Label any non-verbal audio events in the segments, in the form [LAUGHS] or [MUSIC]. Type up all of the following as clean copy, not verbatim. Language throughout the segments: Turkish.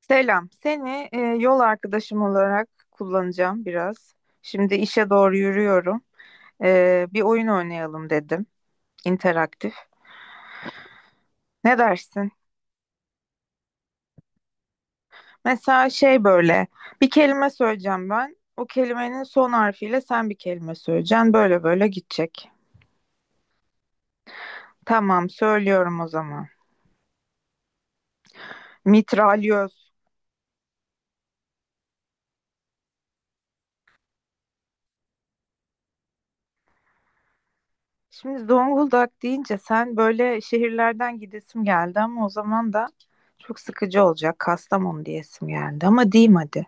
Selam. Seni yol arkadaşım olarak kullanacağım biraz. Şimdi işe doğru yürüyorum. Bir oyun oynayalım dedim. İnteraktif. Ne dersin? Mesela böyle. Bir kelime söyleyeceğim ben. O kelimenin son harfiyle sen bir kelime söyleyeceksin. Böyle böyle gidecek. Tamam, söylüyorum o zaman. Mitralyoz. Şimdi Zonguldak deyince sen böyle şehirlerden gidesim geldi ama o zaman da çok sıkıcı olacak. Kastamonu diyesim geldi ama diyeyim hadi.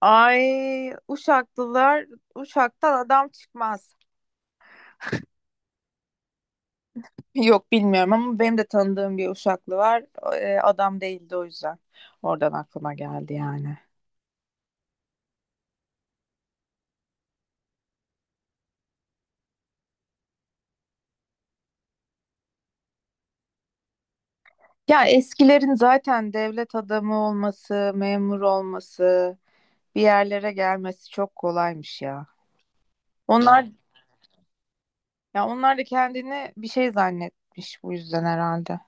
Ay Uşaklılar, Uşak'tan adam çıkmaz. Yok bilmiyorum ama benim de tanıdığım bir Uşaklı var. Adam değildi o yüzden. Oradan aklıma geldi yani. Ya eskilerin zaten devlet adamı olması, memur olması, bir yerlere gelmesi çok kolaymış ya. Onlar, ya onlar da kendini bir şey zannetmiş bu yüzden herhalde.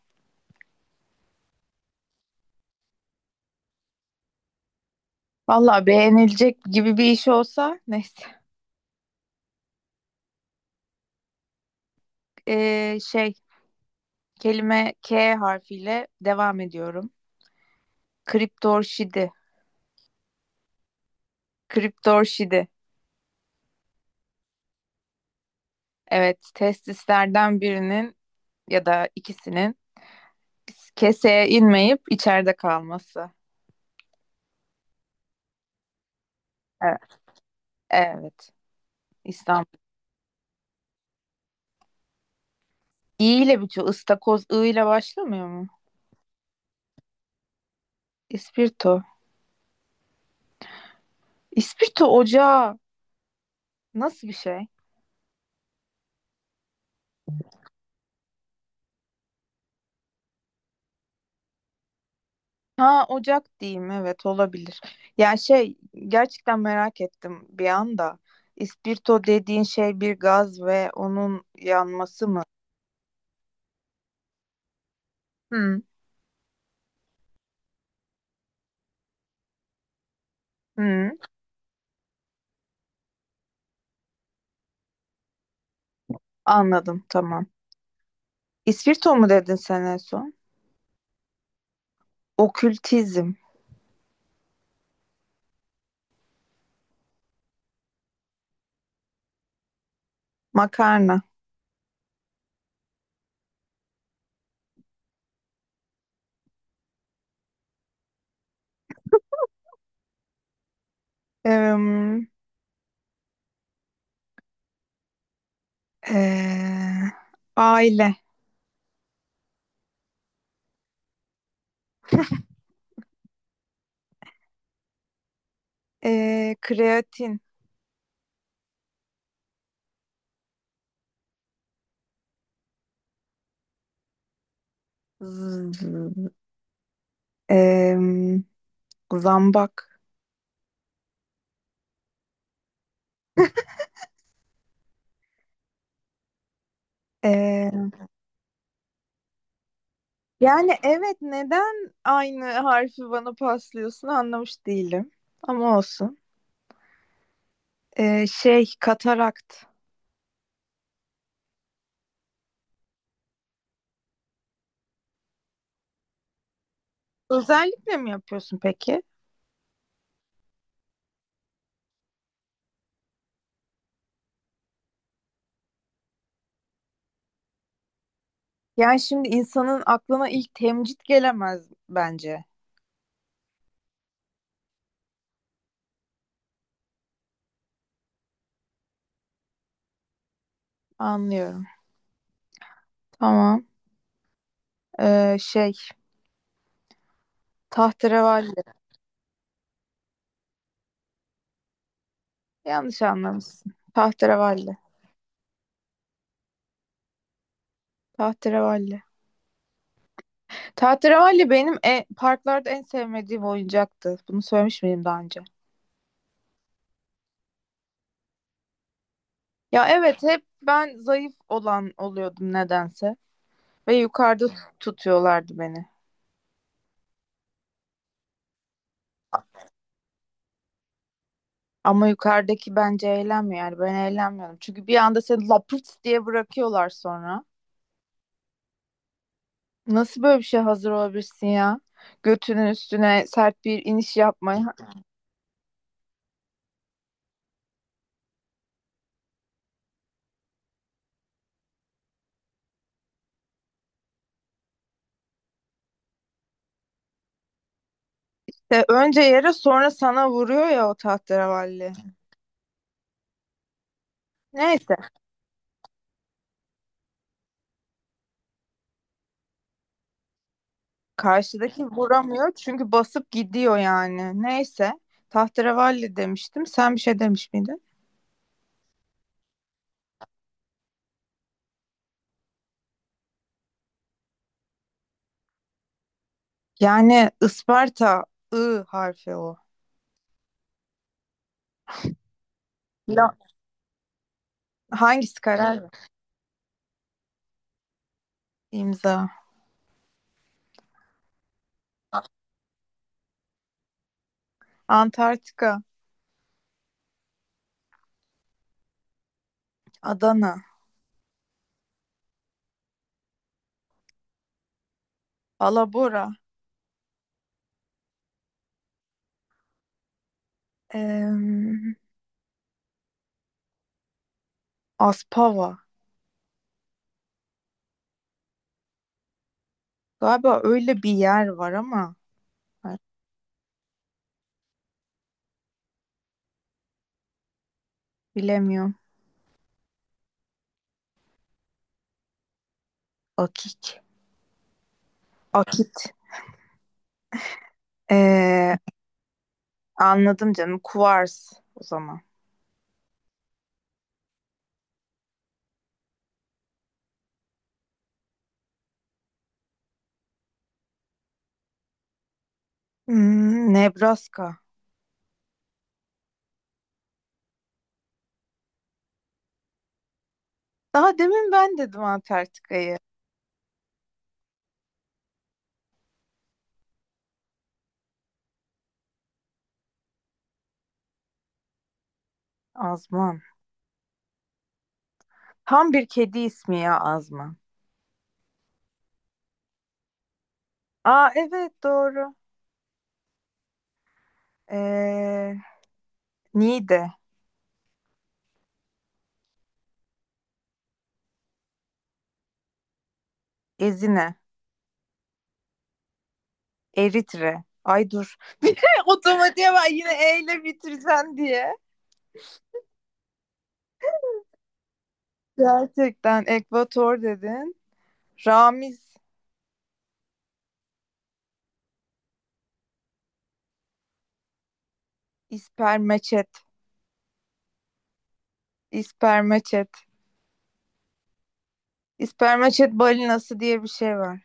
Vallahi beğenilecek gibi bir iş olsa neyse. [LAUGHS] Ee, şey Kelime K harfiyle devam ediyorum. Kriptorşidi. Kriptorşidi. Evet, testislerden birinin ya da ikisinin keseye inmeyip içeride kalması. Evet. Evet. İstanbul. İ ile bitiyor. İstakoz I ile başlamıyor mu? İspirto. İspirto ocağı nasıl bir şey? Ha ocak diyeyim, evet, olabilir. Ya şey Gerçekten merak ettim bir anda. İspirto dediğin şey bir gaz ve onun yanması mı? Hı, hı, anladım tamam. İspirto mu dedin sen en son? Okültizm, makarna, em, eee, aile, kreatin, z- em, zambak. Eee, Yani evet, neden aynı harfi bana paslıyorsun anlamış değilim. Ama olsun. Katarakt. Özellikle mi yapıyorsun peki? Yani şimdi insanın aklına ilk temcit gelemez bence. Anlıyorum. Tamam. Ee, şey Tahterevalli. Yanlış anlamışsın. Tahterevalli. Tahterevalli. Tahterevalli benim parklarda en sevmediğim oyuncaktı. Bunu söylemiş miydim daha önce? Ya evet, hep ben zayıf olan oluyordum nedense. Ve yukarıda tutuyorlardı beni. Ama yukarıdaki bence eğlenmiyor, yani ben eğlenmiyorum. Çünkü bir anda seni lapırt diye bırakıyorlar sonra. Nasıl böyle bir şey hazır olabilirsin ya? Götünün üstüne sert bir iniş yapmaya. De önce yere sonra sana vuruyor ya o tahterevalli. Neyse. Karşıdaki vuramıyor çünkü basıp gidiyor yani. Neyse. Tahterevalli demiştim. Sen bir şey demiş miydin? Yani Isparta I harfi o. La- hangisi karar? Ver? İmza. Antarktika. Adana. Alabora. Em, Aspava. Galiba öyle bir yer var ama ay, bilemiyorum. Akik. Akit. Ee, Anladım canım. Kuvars o zaman. Hmm, Nebraska. Daha demin ben dedim Antarktika'yı. Azman. Tam bir kedi ismi ya Azman. Aa evet, doğru. Ee, Niğde, Ezine, Eritre. Ay dur. [LAUGHS] Otomatiğe ben yine E ile bitireceğim diye. Gerçekten Ekvator dedin. Ramiz, İspermeçet, İspermeçet. İspermeçet balinası diye bir şey var.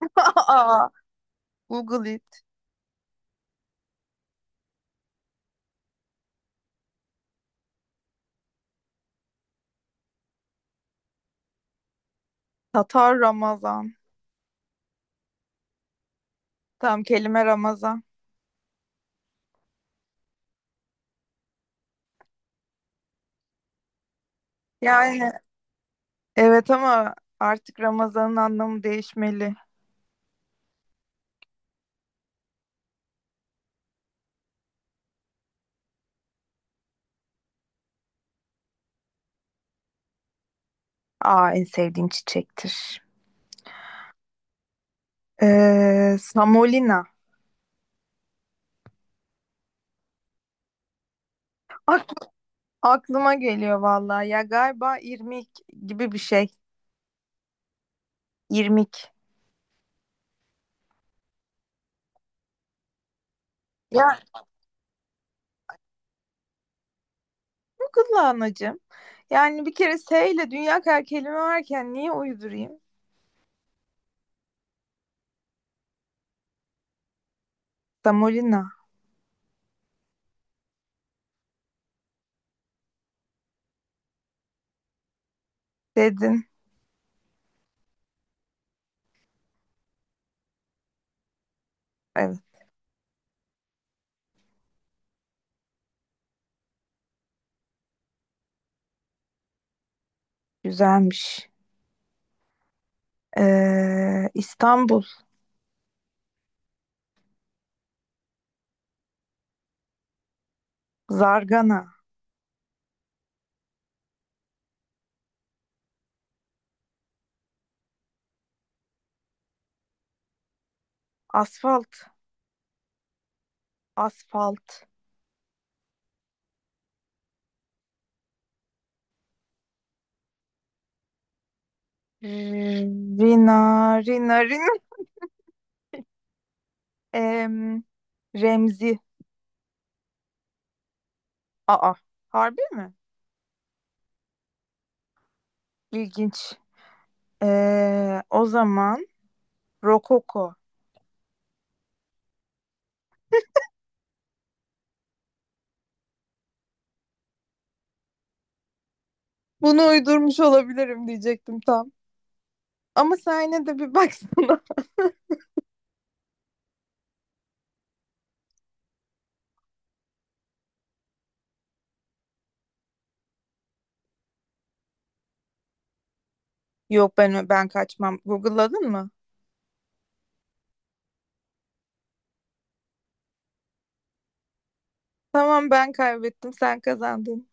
[LAUGHS] Aa, Google. Tatar Ramazan. Tam kelime Ramazan. Yani evet ama artık Ramazan'ın anlamı değişmeli. Aa en sevdiğim çiçektir. Samolina. Ak- Aklıma geliyor vallahi. Ya galiba irmik gibi bir şey. İrmik. Ya çok hızlı anacığım. Yani bir kere S ile dünya kadar kelime varken niye uydurayım? Samolina dedin. Evet, güzelmiş. İstanbul. Zargana. Asfalt. Asfalt. Rina, Rina, Rina. Em, Remzi. Aa, harbi mi? İlginç. O zaman Rokoko. Bunu uydurmuş olabilirim diyecektim tam. Ama sen yine de bir baksana. [LAUGHS] Yok, ben kaçmam. Google'ladın mı? Tamam, ben kaybettim, sen kazandın.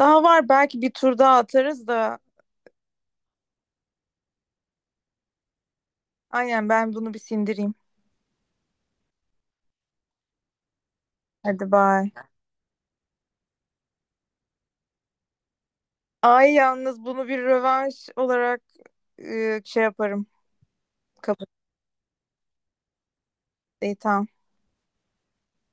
Daha var, belki bir tur daha atarız da. Aynen, ben bunu bir sindireyim. Hadi bay. Ay yalnız bunu bir rövanş olarak yaparım. Kabul. İyi, tamam.